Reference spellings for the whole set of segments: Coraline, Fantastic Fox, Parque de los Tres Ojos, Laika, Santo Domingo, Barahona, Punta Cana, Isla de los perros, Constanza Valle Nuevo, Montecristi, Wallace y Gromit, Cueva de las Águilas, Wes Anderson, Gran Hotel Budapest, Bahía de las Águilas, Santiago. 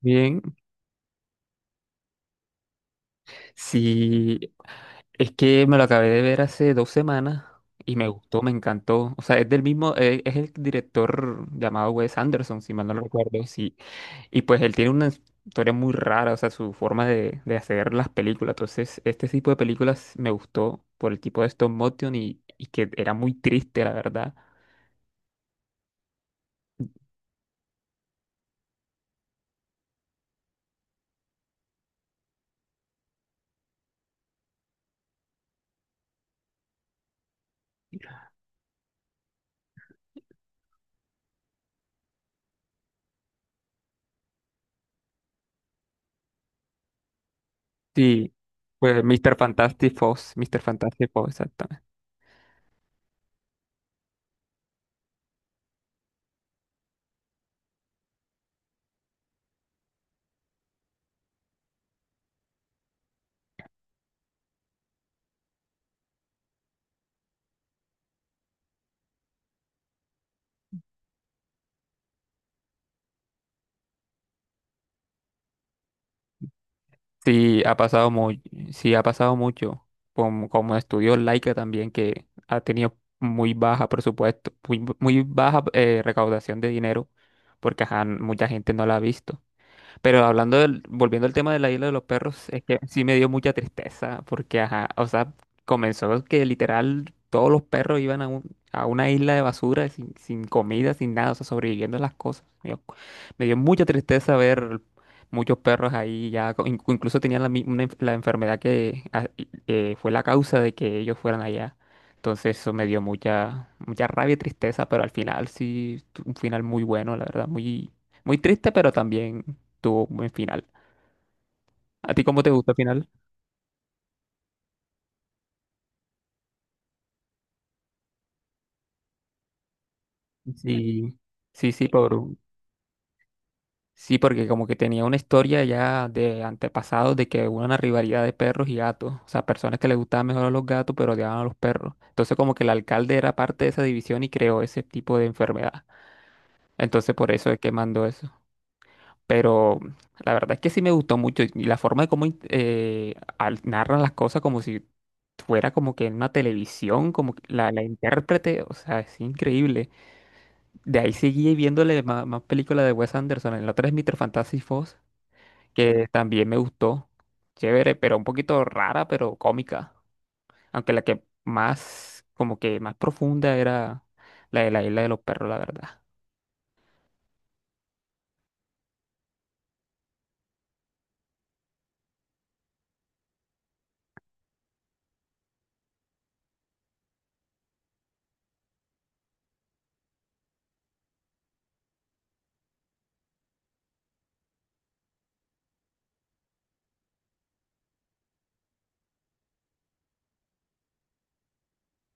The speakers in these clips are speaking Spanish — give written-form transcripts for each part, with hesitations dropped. Bien, sí, es que me lo acabé de ver hace dos semanas y me gustó, me encantó. O sea, es del mismo, es el director llamado Wes Anderson, si mal no lo recuerdo. Sí, y pues él tiene una historia muy rara, o sea, su forma de hacer las películas. Entonces, este tipo de películas me gustó por el tipo de stop motion y que era muy triste, la verdad. Sí, pues Mr. Fantastic Fox, Mr. Fantastic Fox. Sí, ha pasado muy, sí, ha pasado mucho. Como estudió Laika también, que ha tenido muy baja presupuesto, muy, muy baja recaudación de dinero, porque ajá, mucha gente no la ha visto. Pero volviendo al tema de la isla de los perros, es que sí me dio mucha tristeza porque, ajá, o sea, comenzó que literal todos los perros iban a una isla de basura , sin comida, sin nada, o sea, sobreviviendo a las cosas. Me dio mucha tristeza ver muchos perros ahí ya, incluso tenían la enfermedad que fue la causa de que ellos fueran allá. Entonces eso me dio mucha, mucha rabia y tristeza, pero al final sí, un final muy bueno, la verdad, muy, muy triste, pero también tuvo un buen final. ¿A ti cómo te gusta el final? Sí, sí, sí, porque como que tenía una historia ya de antepasados de que hubo una rivalidad de perros y gatos, o sea, personas que les gustaban mejor a los gatos pero odiaban a los perros. Entonces como que el alcalde era parte de esa división y creó ese tipo de enfermedad. Entonces por eso es que mandó eso. Pero la verdad es que sí me gustó mucho y la forma de cómo narran las cosas como si fuera como que en una televisión, como que la intérprete, o sea, es increíble. De ahí seguí viéndole más películas de Wes Anderson. En la otra es Mr. Fantastic Fox, que también me gustó. Chévere, pero un poquito rara, pero cómica. Aunque la que más, como que más profunda era la de la isla de los perros, la verdad.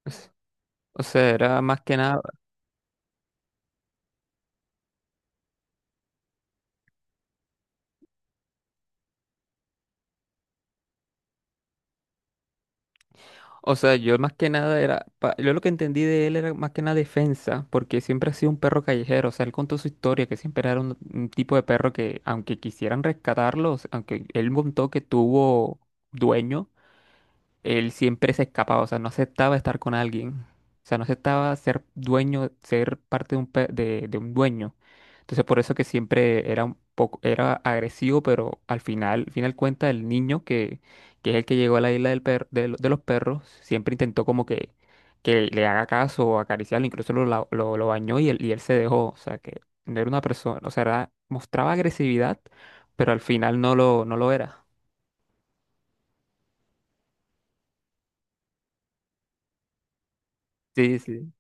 Es- O sea, era más que nada, o sea, yo más que nada era, yo lo que entendí de él era más que nada defensa, porque siempre ha sido un perro callejero, o sea, él contó su historia, que siempre era un tipo de perro que aunque quisieran rescatarlos, aunque él contó que tuvo dueño, él siempre se escapaba, o sea, no aceptaba estar con alguien, o sea, no aceptaba ser dueño, ser parte de un, de un dueño. Entonces, por eso que siempre era un poco, era agresivo, pero al final cuenta, el niño que es el que llegó a la isla del per- de, lo- de los perros, siempre intentó como que le haga caso o acariciarlo, incluso lo bañó y él se dejó, o sea, que no era una persona, o sea, mostraba agresividad, pero al final no lo era. Sí, sí.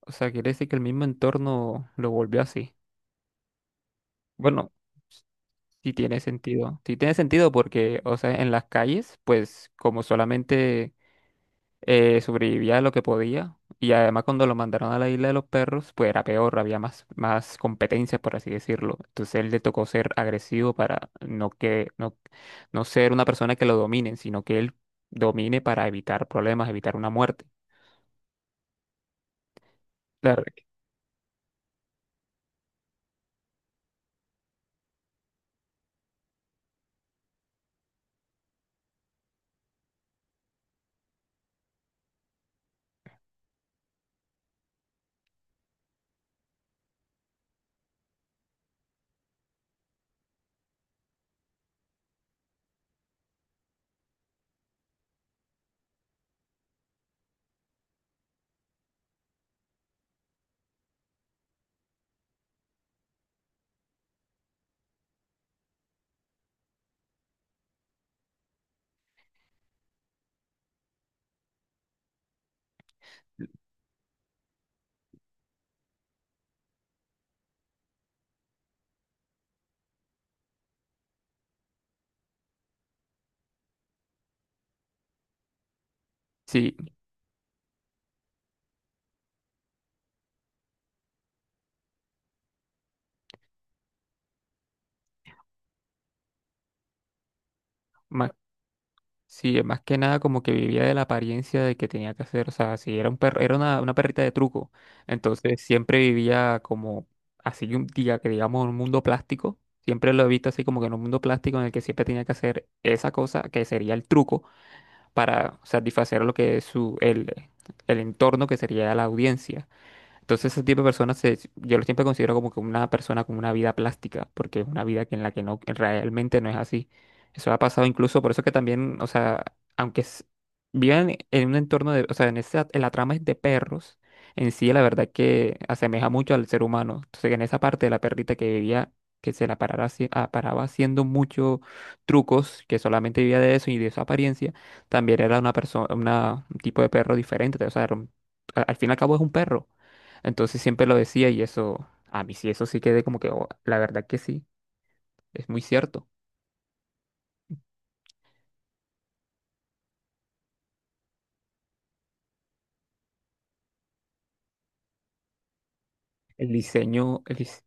O sea, quiere decir que el mismo entorno lo volvió así. Bueno, sí tiene sentido. Sí tiene sentido porque, o sea, en las calles, pues como solamente sobrevivía lo que podía, y además cuando lo mandaron a la isla de los perros, pues era peor, había más competencia, por así decirlo. Entonces él le tocó ser agresivo para no ser una persona que lo dominen, sino que él domine para evitar problemas, evitar una muerte. Claro, sí, más Sí, más que nada como que vivía de la apariencia de que tenía que hacer, o sea, si era un perro, era una perrita de truco, entonces siempre vivía como así un día que digamos en un mundo plástico, siempre lo he visto así como que en un mundo plástico en el que siempre tenía que hacer esa cosa que sería el truco para satisfacer lo que es el entorno que sería la audiencia. Entonces ese tipo de personas yo lo siempre considero como que una persona con una vida plástica, porque es una vida que en la que no que realmente no es así. Eso ha pasado incluso, por eso que también, o sea, aunque vivan en un entorno de, o sea, en esa, en la trama es de perros, en sí la verdad que asemeja mucho al ser humano. Entonces en esa parte de la perrita que vivía, que se la parara, haci- ah, paraba haciendo muchos trucos, que solamente vivía de eso y de su apariencia, también era una persona, un tipo de perro diferente. O sea, era al fin y al cabo es un perro. Entonces siempre lo decía y eso, a mí sí, eso sí quedé como que, "Oh, la verdad que sí, es muy cierto." El diseño,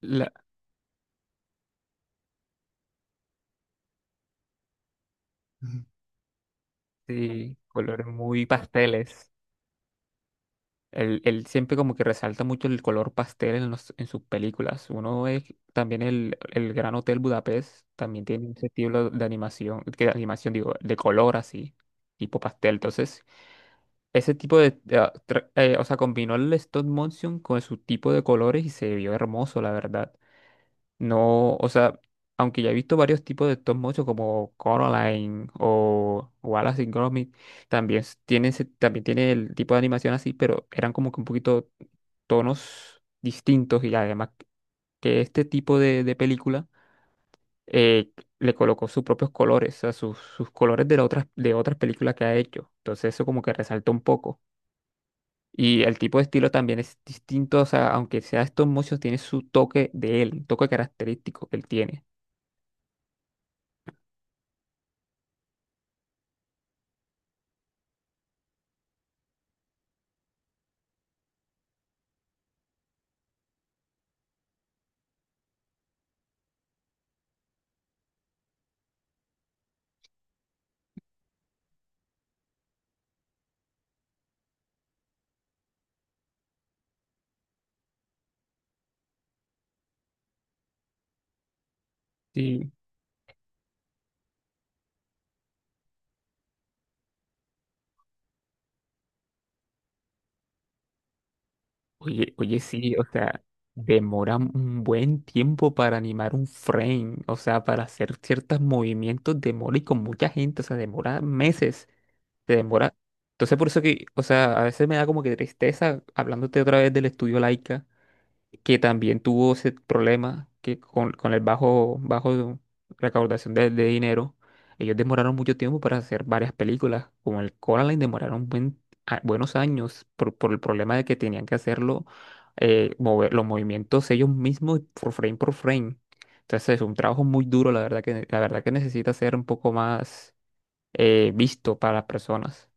la, Ujú. Sí, colores muy pasteles. Él siempre como que resalta mucho el color pastel en sus películas. Uno es también el Gran Hotel Budapest, también tiene ese estilo de animación, que de animación digo, de color así, tipo pastel. Entonces, ese tipo de, o sea, combinó el stop motion con su tipo de colores y se vio hermoso, la verdad. No, o sea, aunque ya he visto varios tipos de stop motion como Coraline o Wallace y Gromit, también también tiene el tipo de animación así, pero eran como que un poquito tonos distintos y además que este tipo de película eh, le colocó sus propios colores, o sea, sus colores de otras películas que ha hecho. Entonces eso como que resalta un poco. Y el tipo de estilo también es distinto, o sea, aunque sea stop motion, tiene su toque de él, un toque característico que él tiene. Oye, oye, sí, o sea, demora un buen tiempo para animar un frame, o sea, para hacer ciertos movimientos demora y con mucha gente, o sea, demora meses, se demora. Entonces, por eso que, o sea, a veces me da como que tristeza hablándote otra vez del estudio Laika que también tuvo ese problema que con el bajo recaudación de dinero, ellos demoraron mucho tiempo para hacer varias películas, como el Coraline demoraron buenos años por el problema de que tenían que hacerlo, mover los movimientos ellos mismos por frame por frame. Entonces es un trabajo muy duro, la verdad que necesita ser un poco más visto para las personas.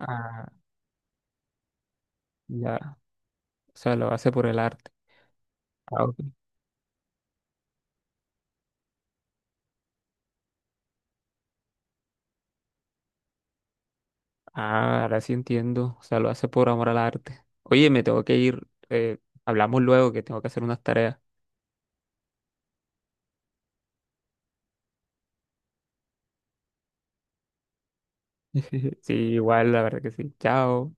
Ah, ya, o sea, lo hace por el arte. Ah, ahora sí entiendo. O sea, lo hace por amor al arte. Oye, me tengo que ir. Hablamos luego que tengo que hacer unas tareas. Sí, igual, la verdad que sí. Chao.